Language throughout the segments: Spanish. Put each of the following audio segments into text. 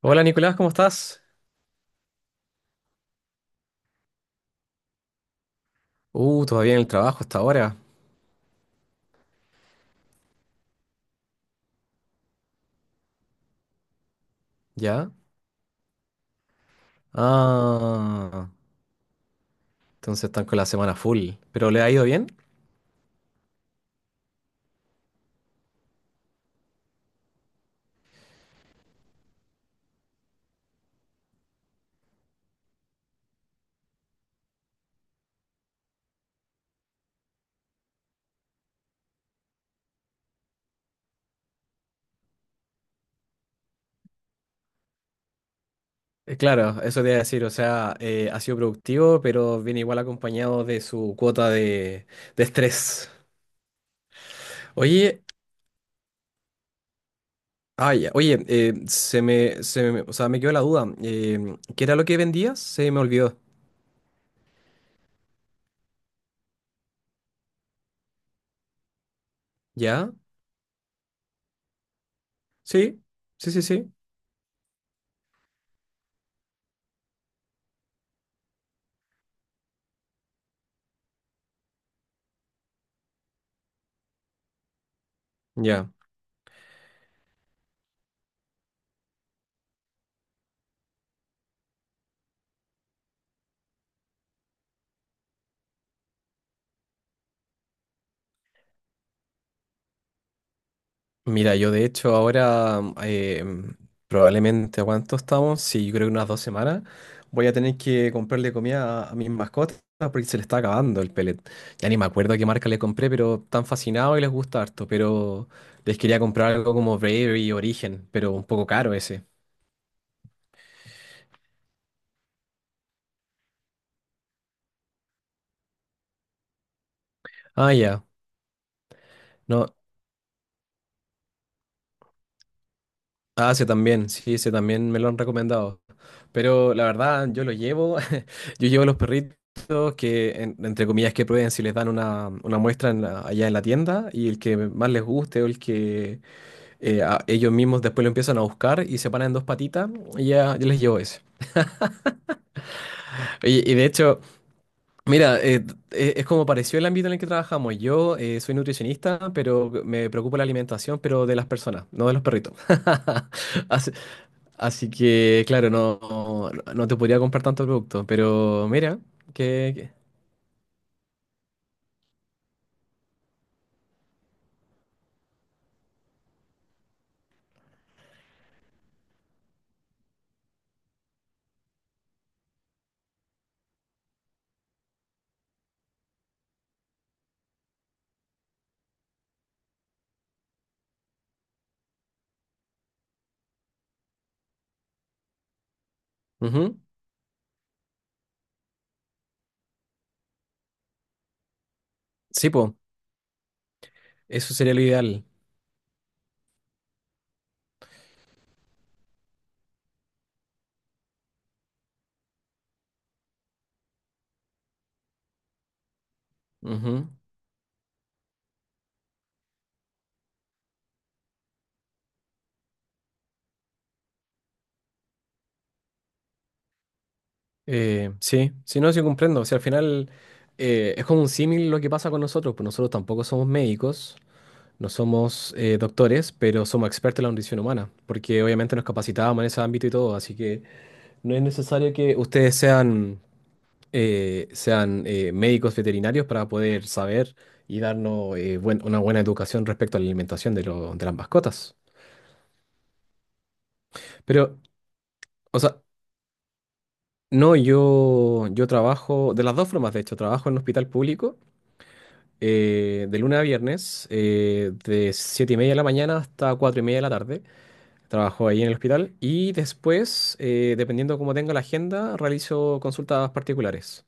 Hola Nicolás, ¿cómo estás? Todavía en el trabajo hasta ahora. ¿Ya? Ah, entonces están con la semana full. ¿Pero le ha ido bien? Claro, eso te iba a decir, o sea, ha sido productivo, pero viene igual acompañado de su cuota de estrés. Oye, ay, o sea, me quedó la duda. ¿Qué era lo que vendías? Se me olvidó. ¿Ya? Sí, sí, sí, sí. Ya. Mira, yo de hecho ahora probablemente, ¿cuánto estamos? Sí, yo creo que unas 2 semanas. Voy a tener que comprarle comida a mis mascotas porque se le está acabando el pellet. Ya ni me acuerdo qué marca le compré, pero están fascinados y les gusta harto. Pero les quería comprar algo como Bravery Origen, pero un poco caro ese. Ah, ya. No. Ah, sí, también, sí, sí, también me lo han recomendado. Pero la verdad, yo lo llevo, yo llevo los perritos que, entre comillas, que prueben si les dan una muestra en allá en la tienda y el que más les guste o el que ellos mismos después lo empiezan a buscar y se paran en dos patitas, y ya, yo les llevo ese. Oye, y de hecho, mira, es como pareció el ámbito en el que trabajamos. Yo soy nutricionista, pero me preocupa la alimentación, pero de las personas, no de los perritos. Así, Así que, claro, no, no, no te podría comprar tanto producto, pero mira, que... que- ujú. Sí, po, eso sería lo ideal. Ujú. Sí sí, no, sí comprendo. O sea, al final es como un símil lo que pasa con nosotros, pues nosotros tampoco somos médicos, no somos doctores, pero somos expertos en la nutrición humana, porque obviamente nos capacitábamos en ese ámbito y todo, así que no es necesario que ustedes sean... sean médicos veterinarios para poder saber y darnos una buena educación respecto a la alimentación de las mascotas. Pero, o sea, no, yo trabajo, de las dos formas, de hecho, trabajo en un hospital público de lunes a viernes, de 7:30 de la mañana hasta 4:30 de la tarde. Trabajo ahí en el hospital y después, dependiendo cómo tenga la agenda, realizo consultas particulares.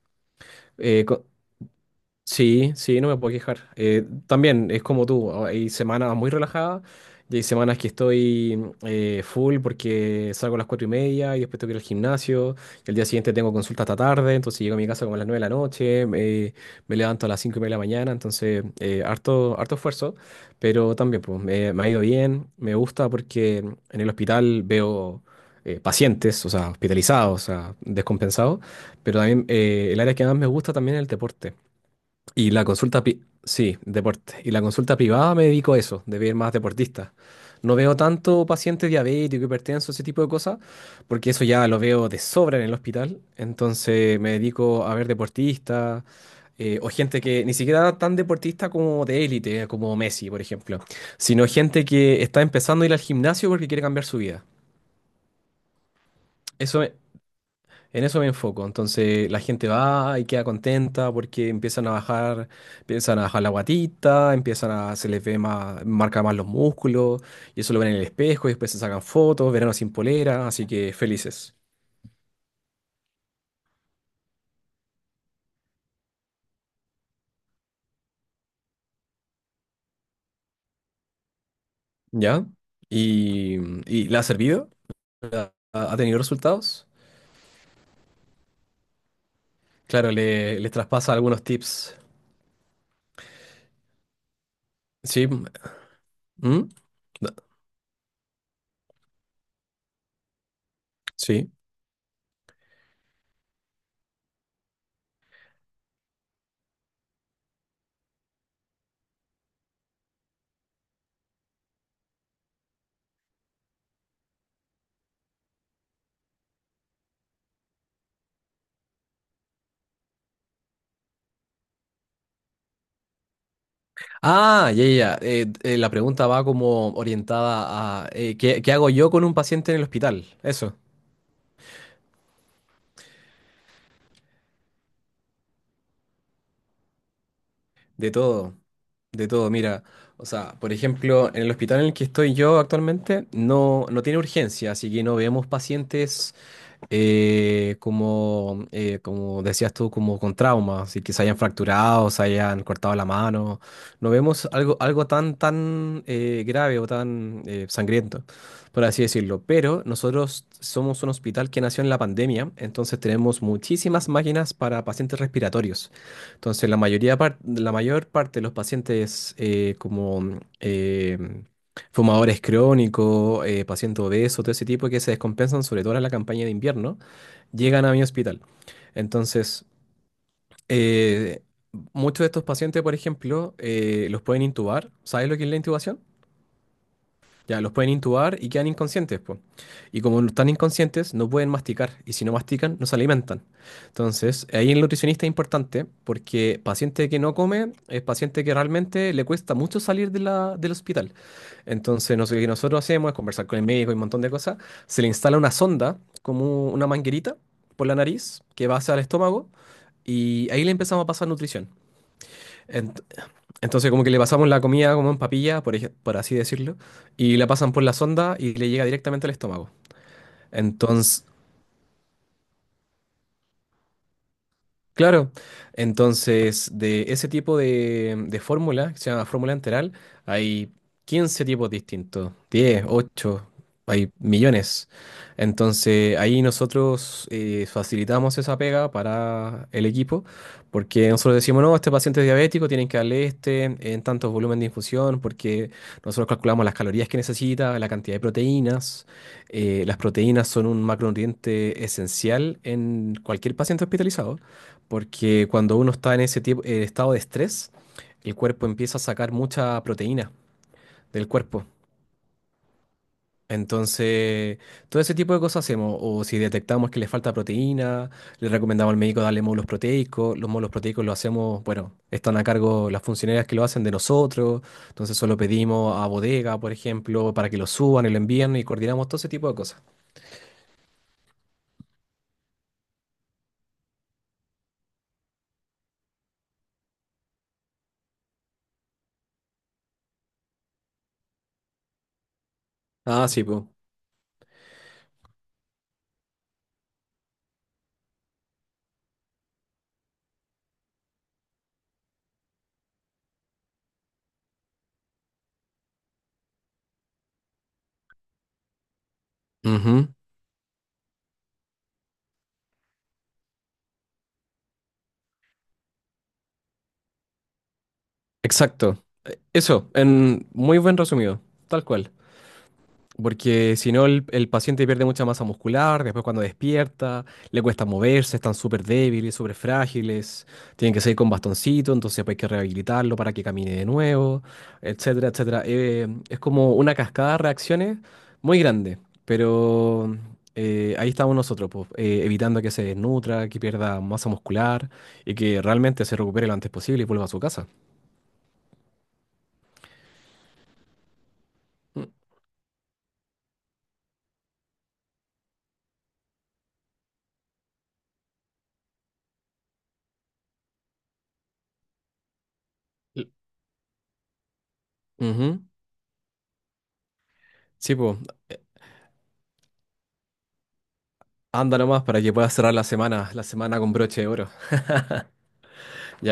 Sí, sí, no me puedo quejar. También es como tú, hay semanas muy relajadas y hay semanas que estoy full porque salgo a las 4:30 y después tengo que ir al gimnasio y el día siguiente tengo consulta hasta tarde, entonces llego a mi casa como a las 9 de la noche, me levanto a las 5:30 de la mañana, entonces harto, harto esfuerzo, pero también pues me ha ido bien, me gusta porque en el hospital veo pacientes, o sea, hospitalizados, o sea, descompensados, pero también el área que más me gusta también es el deporte. Y la consulta, sí, deporte. Y la consulta privada me dedico a eso, de ver más deportistas. No veo tanto pacientes diabéticos, hipertensos, ese tipo de cosas, porque eso ya lo veo de sobra en el hospital. Entonces me dedico a ver deportistas o gente que ni siquiera tan deportista como de élite, como Messi, por ejemplo, sino gente que está empezando a ir al gimnasio porque quiere cambiar su vida. Eso, en eso me enfoco. Entonces la gente va y queda contenta porque empiezan a bajar la guatita, se les ve más, marca más los músculos, y eso lo ven en el espejo, y después se sacan fotos, verano sin polera, así que felices. ¿Ya? ¿Y, y la ha servido? ¿Ha tenido resultados? Claro, les traspasa algunos tips. Sí. ¿Mm? Sí. Ah, ya, ya. Ya. La pregunta va como orientada a ¿qué hago yo con un paciente en el hospital? Eso, de todo, de todo. Mira, o sea, por ejemplo, en el hospital en el que estoy yo actualmente no tiene urgencia, así que no vemos pacientes como, como decías tú, como con traumas, y que se hayan fracturado, se hayan cortado la mano. No vemos algo tan, tan grave o tan sangriento, por así decirlo. Pero nosotros somos un hospital que nació en la pandemia, entonces tenemos muchísimas máquinas para pacientes respiratorios. Entonces, la mayor parte de los pacientes como... em, fumadores crónicos, pacientes obesos, todo ese tipo que se descompensan, sobre todo en la campaña de invierno, llegan a mi hospital. Entonces, eh, muchos de estos pacientes, por ejemplo, los pueden intubar. ¿Sabes lo que es la intubación? Ya, los pueden intubar y quedan inconscientes, po. Y como no están inconscientes, no pueden masticar. Y si no mastican, no se alimentan. Entonces, ahí el nutricionista es importante porque paciente que no come es paciente que realmente le cuesta mucho salir del hospital. Entonces, no sé, lo que nosotros hacemos es conversar con el médico y un montón de cosas. Se le instala una sonda, como una manguerita, por la nariz, que va hacia el estómago. Y ahí le empezamos a pasar nutrición. Entonces como que le pasamos la comida como en papilla, por así decirlo, y la pasan por la sonda y le llega directamente al estómago. Entonces, Claro, entonces de ese tipo de fórmula, que se llama fórmula enteral, hay 15 tipos distintos, 10, 8, hay millones. Entonces ahí nosotros facilitamos esa pega para el equipo, porque nosotros decimos, no, este paciente es diabético, tienen que darle este en tantos volumen de infusión, porque nosotros calculamos las calorías que necesita, la cantidad de proteínas. Las proteínas son un macronutriente esencial en cualquier paciente hospitalizado. Porque cuando uno está en ese tipo, estado de estrés, el cuerpo empieza a sacar mucha proteína del cuerpo. Entonces, todo ese tipo de cosas hacemos. O si detectamos que le falta proteína, le recomendamos al médico darle módulos proteicos. Los módulos proteicos lo hacemos, bueno, están a cargo las funcionarias que lo hacen de nosotros. Entonces, solo pedimos a bodega, por ejemplo, para que lo suban y lo envíen y coordinamos todo ese tipo de cosas. Ah, sí, pues. Exacto. Eso, en muy buen resumido. Tal cual. Porque si no, el paciente pierde mucha masa muscular, después cuando despierta, le cuesta moverse, están súper débiles, súper frágiles, tienen que seguir con bastoncito, entonces pues, hay que rehabilitarlo para que camine de nuevo, etcétera, etcétera. Es como una cascada de reacciones muy grande, pero ahí estamos nosotros, pues, evitando que se desnutra, que pierda masa muscular y que realmente se recupere lo antes posible y vuelva a su casa. Mm. L- Ujú. Sí, pues, anda nomás para que puedas cerrar la semana, con broche de oro. Ya.